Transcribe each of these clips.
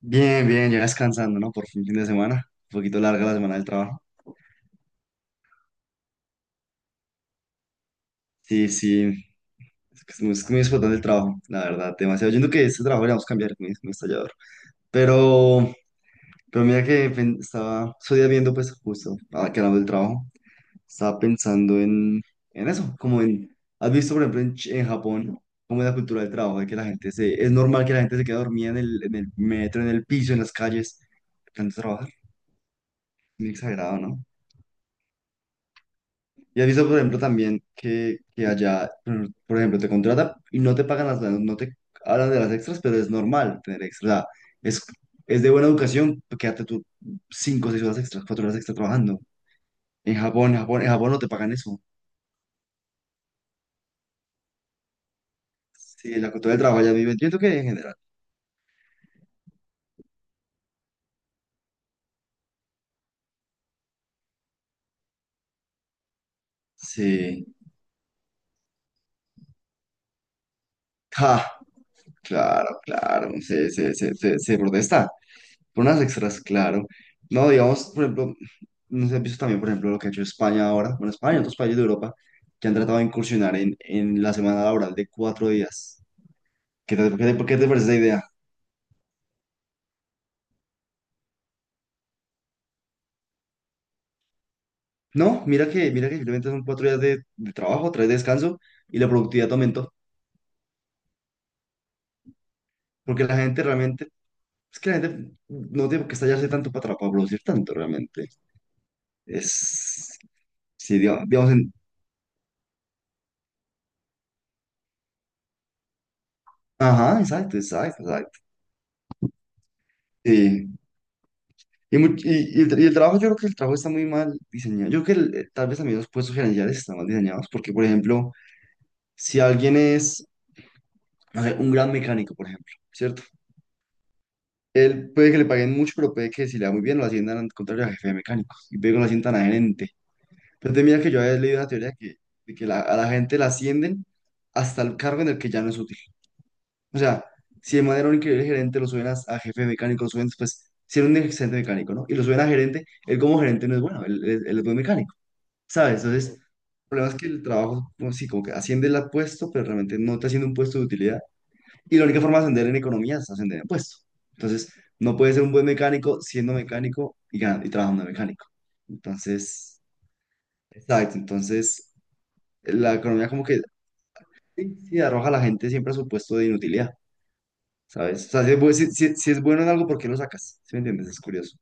Bien, bien, ya descansando, ¿no? Por fin, fin de semana. Un poquito larga la semana del trabajo. Sí, sí. Es que es muy explotante el trabajo, la verdad, demasiado. Yo entiendo que este trabajo le vamos a cambiar, es muy estallador. Pero, pero mira que estoy viendo, pues justo, ahora que hablamos del trabajo, estaba pensando en eso, como en, ¿has visto, por ejemplo, en, en Japón, cómo es la cultura del trabajo? De que es normal que la gente se quede dormida en el metro, en el piso, en las calles, tanto trabajar. Muy exagerado, ¿no? Y has visto, por ejemplo, también que allá, por ejemplo, te contratan y no te pagan no te hablan de las extras, pero es normal tener extras. O sea, es, es de buena educación, pues, quédate tú 5 o 6 horas extras, 4 horas extras trabajando. En Japón, en Japón, en Japón no te pagan eso. Sí, la cultura del trabajo allá vive, entiendo que en general. Sí. Ja, claro, claro, se protesta por unas extras, claro. No, digamos, por ejemplo, no sé si has visto también, por ejemplo, lo que ha hecho España ahora, bueno, España y otros países de Europa, que han tratado de incursionar en la semana laboral de 4 días. ¿Qué te, por qué te parece esa idea? No, mira que simplemente son cuatro días de trabajo, tres de descanso y la productividad aumentó. Porque la gente realmente, es que la gente no tiene por qué estallarse tanto para producir tanto realmente. Es, sí, digamos, ajá, exacto, exacto, exacto. Sí. Y el trabajo, yo creo que el trabajo está muy mal diseñado. Yo creo que tal vez también los puestos gerenciales están mal diseñados, porque, por ejemplo, si alguien es, no sé, un gran mecánico, por ejemplo, ¿cierto? Él puede que le paguen mucho, pero puede que si le va muy bien lo asciendan al contrario a jefe de mecánico, y luego lo asciendan a gerente. Pero te mira que yo había leído una teoría que, de que a la gente la ascienden hasta el cargo en el que ya no es útil. O sea, si de manera un increíble gerente lo suben a jefe de mecánico, lo suben después, si era un excelente mecánico, ¿no? Y lo suben a gerente, él como gerente no es bueno, él es buen mecánico. ¿Sabes? Entonces, el problema es que el trabajo, como sí, como que asciende el puesto, pero realmente no te asciende un puesto de utilidad. Y la única forma de ascender en economía es ascender en puesto. Entonces, no puedes ser un buen mecánico siendo mecánico y, ganando, y trabajando de mecánico. Entonces, exacto. Entonces, la economía como que sí, sí, arroja a la gente siempre a su puesto de inutilidad, ¿sabes? O sea, si es, bu- si- si- si es bueno en algo, ¿por qué lo sacas? ¿Sí me entiendes? Es curioso.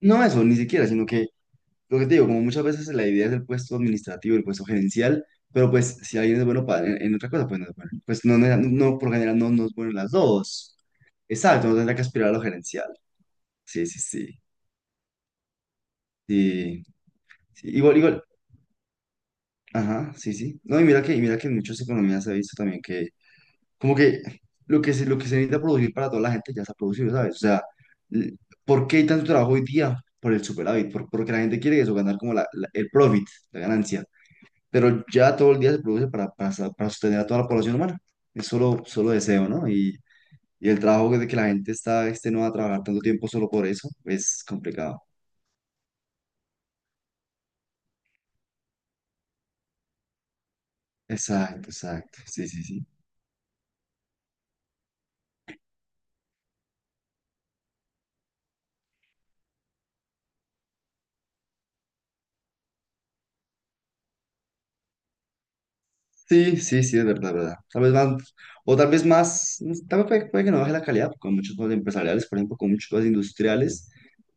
No eso, ni siquiera, sino que lo que te digo, como muchas veces la idea es el puesto administrativo, el puesto gerencial, pero pues si alguien es bueno en otra cosa, pues no es bueno. Pues no, no, no, no, por lo general no, no es bueno en las dos. Exacto, no tendrá que aspirar a lo gerencial. Sí, sí, sí. Sí, sí. Igual, igual. Ajá, sí, sí. No, y mira que en muchas economías se ha visto también como que lo que se necesita producir para toda la gente ya se ha producido, ¿sabes? O sea, l- ¿por qué hay tanto trabajo hoy día? Por el superávit, porque la gente quiere eso, ganar como el profit, la ganancia. Pero ya todo el día se produce para sostener a toda la población humana. Es solo, solo deseo, ¿no? Y el trabajo de que la gente está extenuada a trabajar tanto tiempo solo por eso es complicado. Exacto, exacto. Sí, sí, sí. Sí, sí, sí, es verdad, verdad. Tal vez van, o tal vez más, tal vez puede que no baje la calidad con muchas cosas empresariales, por ejemplo, con muchas cosas industriales,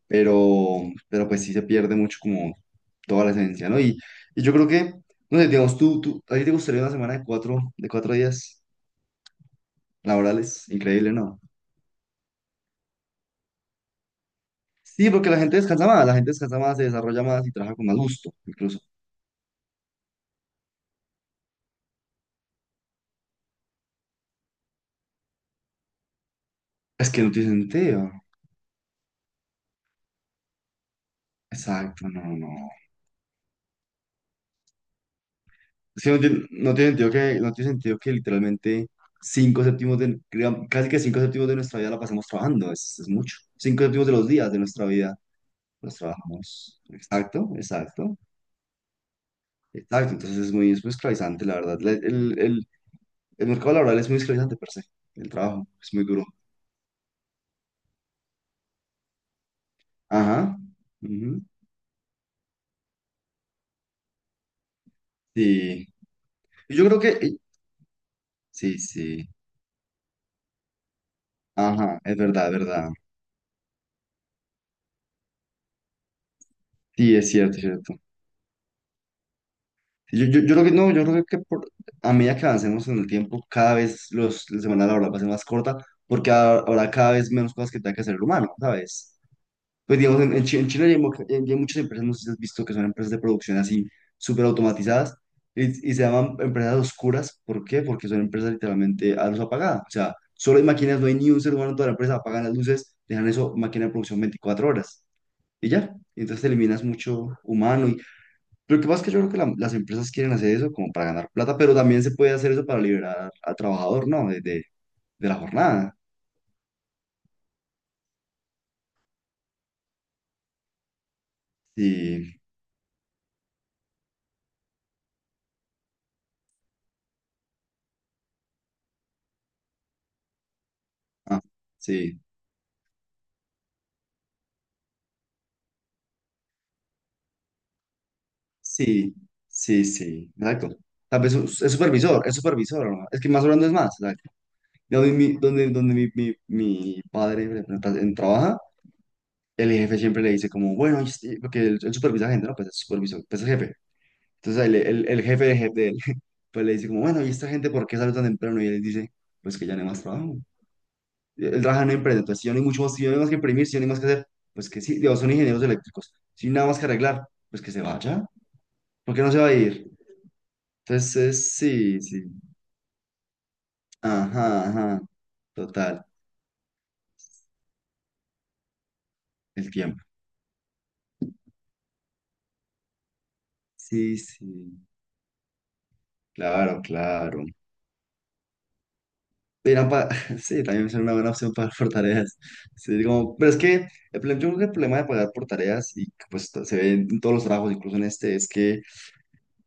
pero, pero pues sí se pierde mucho como toda la esencia, ¿no? Y yo creo que, no sé, digamos, tú, ¿a ti te gustaría una semana de cuatro días laborales, increíble, ¿no? Sí, porque la gente descansa más, la gente descansa más, se desarrolla más y trabaja con más gusto, incluso. Es que no tiene sentido. Exacto, no, no. Es que no tiene sentido que, no tiene sentido que literalmente cinco séptimos de, digamos, casi que cinco séptimos de nuestra vida la pasemos trabajando, es mucho. Cinco séptimos de los días de nuestra vida los trabajamos. Exacto, exacto, exacto. Entonces es muy esclavizante, la verdad. El mercado laboral es muy esclavizante per se, el trabajo es muy duro. Ajá. Ujú. Sí, yo creo que, sí, sí, ajá, es verdad, es verdad. Sí, es cierto, es cierto. Sí, yo creo que, no, yo creo que por, a medida que avancemos en el tiempo, cada vez la semana laboral va a ser más corta, porque habrá cada vez menos cosas que tenga que hacer el humano, ¿sabes? Pues digamos, en, en China ya ya hay muchas empresas, no sé si has visto, que son empresas de producción así, súper automatizadas, y se llaman empresas oscuras, ¿por qué? Porque son empresas literalmente a luz apagada, o sea, solo hay máquinas, no hay ni un ser humano en toda la empresa, apagan las luces, dejan eso, máquina de producción 24 horas. Y ya. Entonces eliminas mucho humano. Y... Pero lo que pasa es que yo creo que las empresas quieren hacer eso como para ganar plata, pero también se puede hacer eso para liberar al trabajador, ¿no? De la jornada. Sí, ah, sí, sí, sí, sí, exacto. Tal vez es supervisor, es supervisor, ¿no? Es que más hablando es más. Exacto. Donde mi padre trabaja, el jefe siempre le dice como, bueno, porque el supervisor gente, ¿no? Pues es supervisor, pues es jefe. Entonces el jefe de jefe, pues le dice como, bueno, ¿y esta gente por qué sale tan temprano? Y él dice, pues que ya no hay más trabajo. Él trabaja en una empresa, entonces si yo no hay mucho más, si yo no hay más que imprimir, si yo no hay más que hacer, pues que sí, digo, son ingenieros eléctricos, si no hay nada más que arreglar, pues que se vaya, ¿por qué no se va a ir? Entonces, sí, sí, ajá, ajá, total, el tiempo. Sí, sí, claro, claro. era pa- Sí, también es una buena opción pagar por tareas. Sí, como... Pero es que el problema, yo creo que el problema de pagar por tareas, y que, pues se ve en todos los trabajos, incluso en este, es que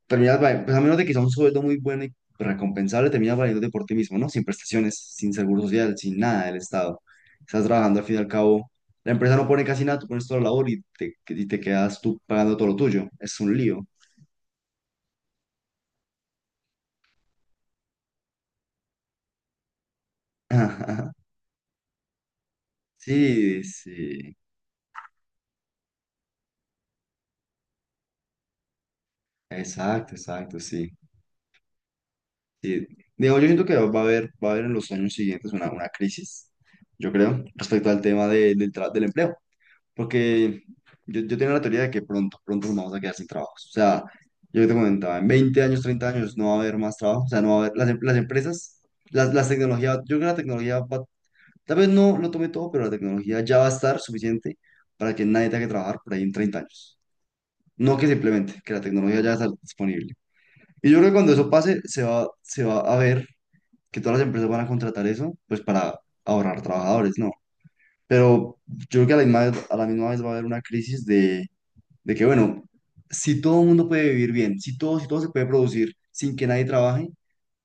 terminas, pues a menos de que sea un sueldo muy bueno y recompensable, terminas valiéndote por ti mismo, ¿no? Sin prestaciones, sin seguro social, sin nada del Estado. Estás trabajando al fin y al cabo. La empresa no pone casi nada, tú pones toda la labor y te quedas tú pagando todo lo tuyo. Es un lío. Sí, sí. Exacto, exacto, sí. Sí, digamos, yo siento que va a haber en los años siguientes una crisis, yo creo, respecto al tema del, del empleo, porque yo tengo la teoría de que pronto, pronto nos vamos a quedar sin trabajos. O sea, yo te comentaba, en 20 años, 30 años no va a haber más trabajo, o sea, no va a haber, las empresas, las tecnologías, yo creo que la tecnología va, tal vez no lo tome todo, pero la tecnología ya va a estar suficiente para que nadie tenga que trabajar por ahí en 30 años. No que simplemente, que la tecnología ya va a estar disponible. Y yo creo que cuando eso pase, se va a ver que todas las empresas van a contratar eso, pues para ahorrar trabajadores, ¿no? Pero yo creo que a la misma vez va a haber una crisis de que, bueno, si todo el mundo puede vivir bien, si todo se puede producir sin que nadie trabaje,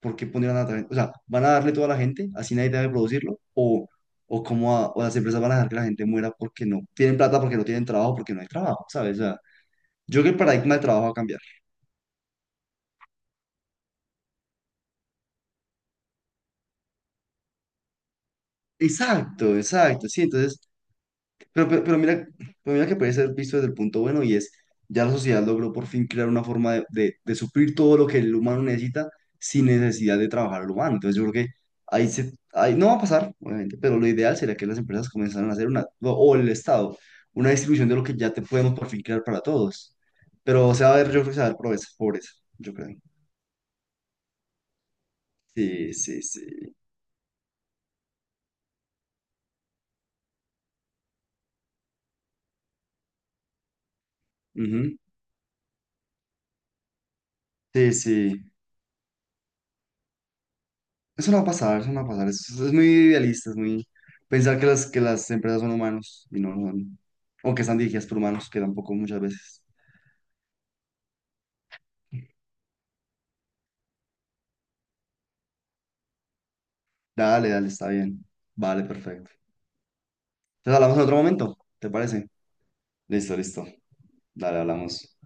¿por qué pondrían a trabajar? O sea, ¿van a darle todo a la gente, así nadie debe producirlo? Cómo o las empresas van a dejar que la gente muera porque no tienen plata, porque no tienen trabajo, porque no hay trabajo? ¿Sabes? O sea, yo creo que el paradigma de trabajo va a cambiar. Exacto, exacto, sí, entonces. Pero, pero, pero mira, pero mira que puede ser visto desde el punto bueno y es, ya la sociedad logró por fin crear una forma de suplir todo lo que el humano necesita sin necesidad de trabajar al humano. Entonces yo creo que ahí, se, ahí no va a pasar, obviamente, pero lo ideal sería que las empresas comenzaran a hacer una, o el Estado, una distribución de lo que ya te podemos por fin crear para todos. Pero se va a ver, yo creo que se va a ver pobreza, pobreza, yo creo. Sí, sí, sí. Ujú. Sí, sí. Eso no va a pasar, eso no va a pasar. Es muy idealista, es muy pensar que que las empresas son humanos y no lo son. O que están dirigidas por humanos, que tampoco muchas veces. Dale, dale, está bien. Vale, perfecto. Entonces hablamos en otro momento, ¿te parece? Listo, listo. Dale, hablamos.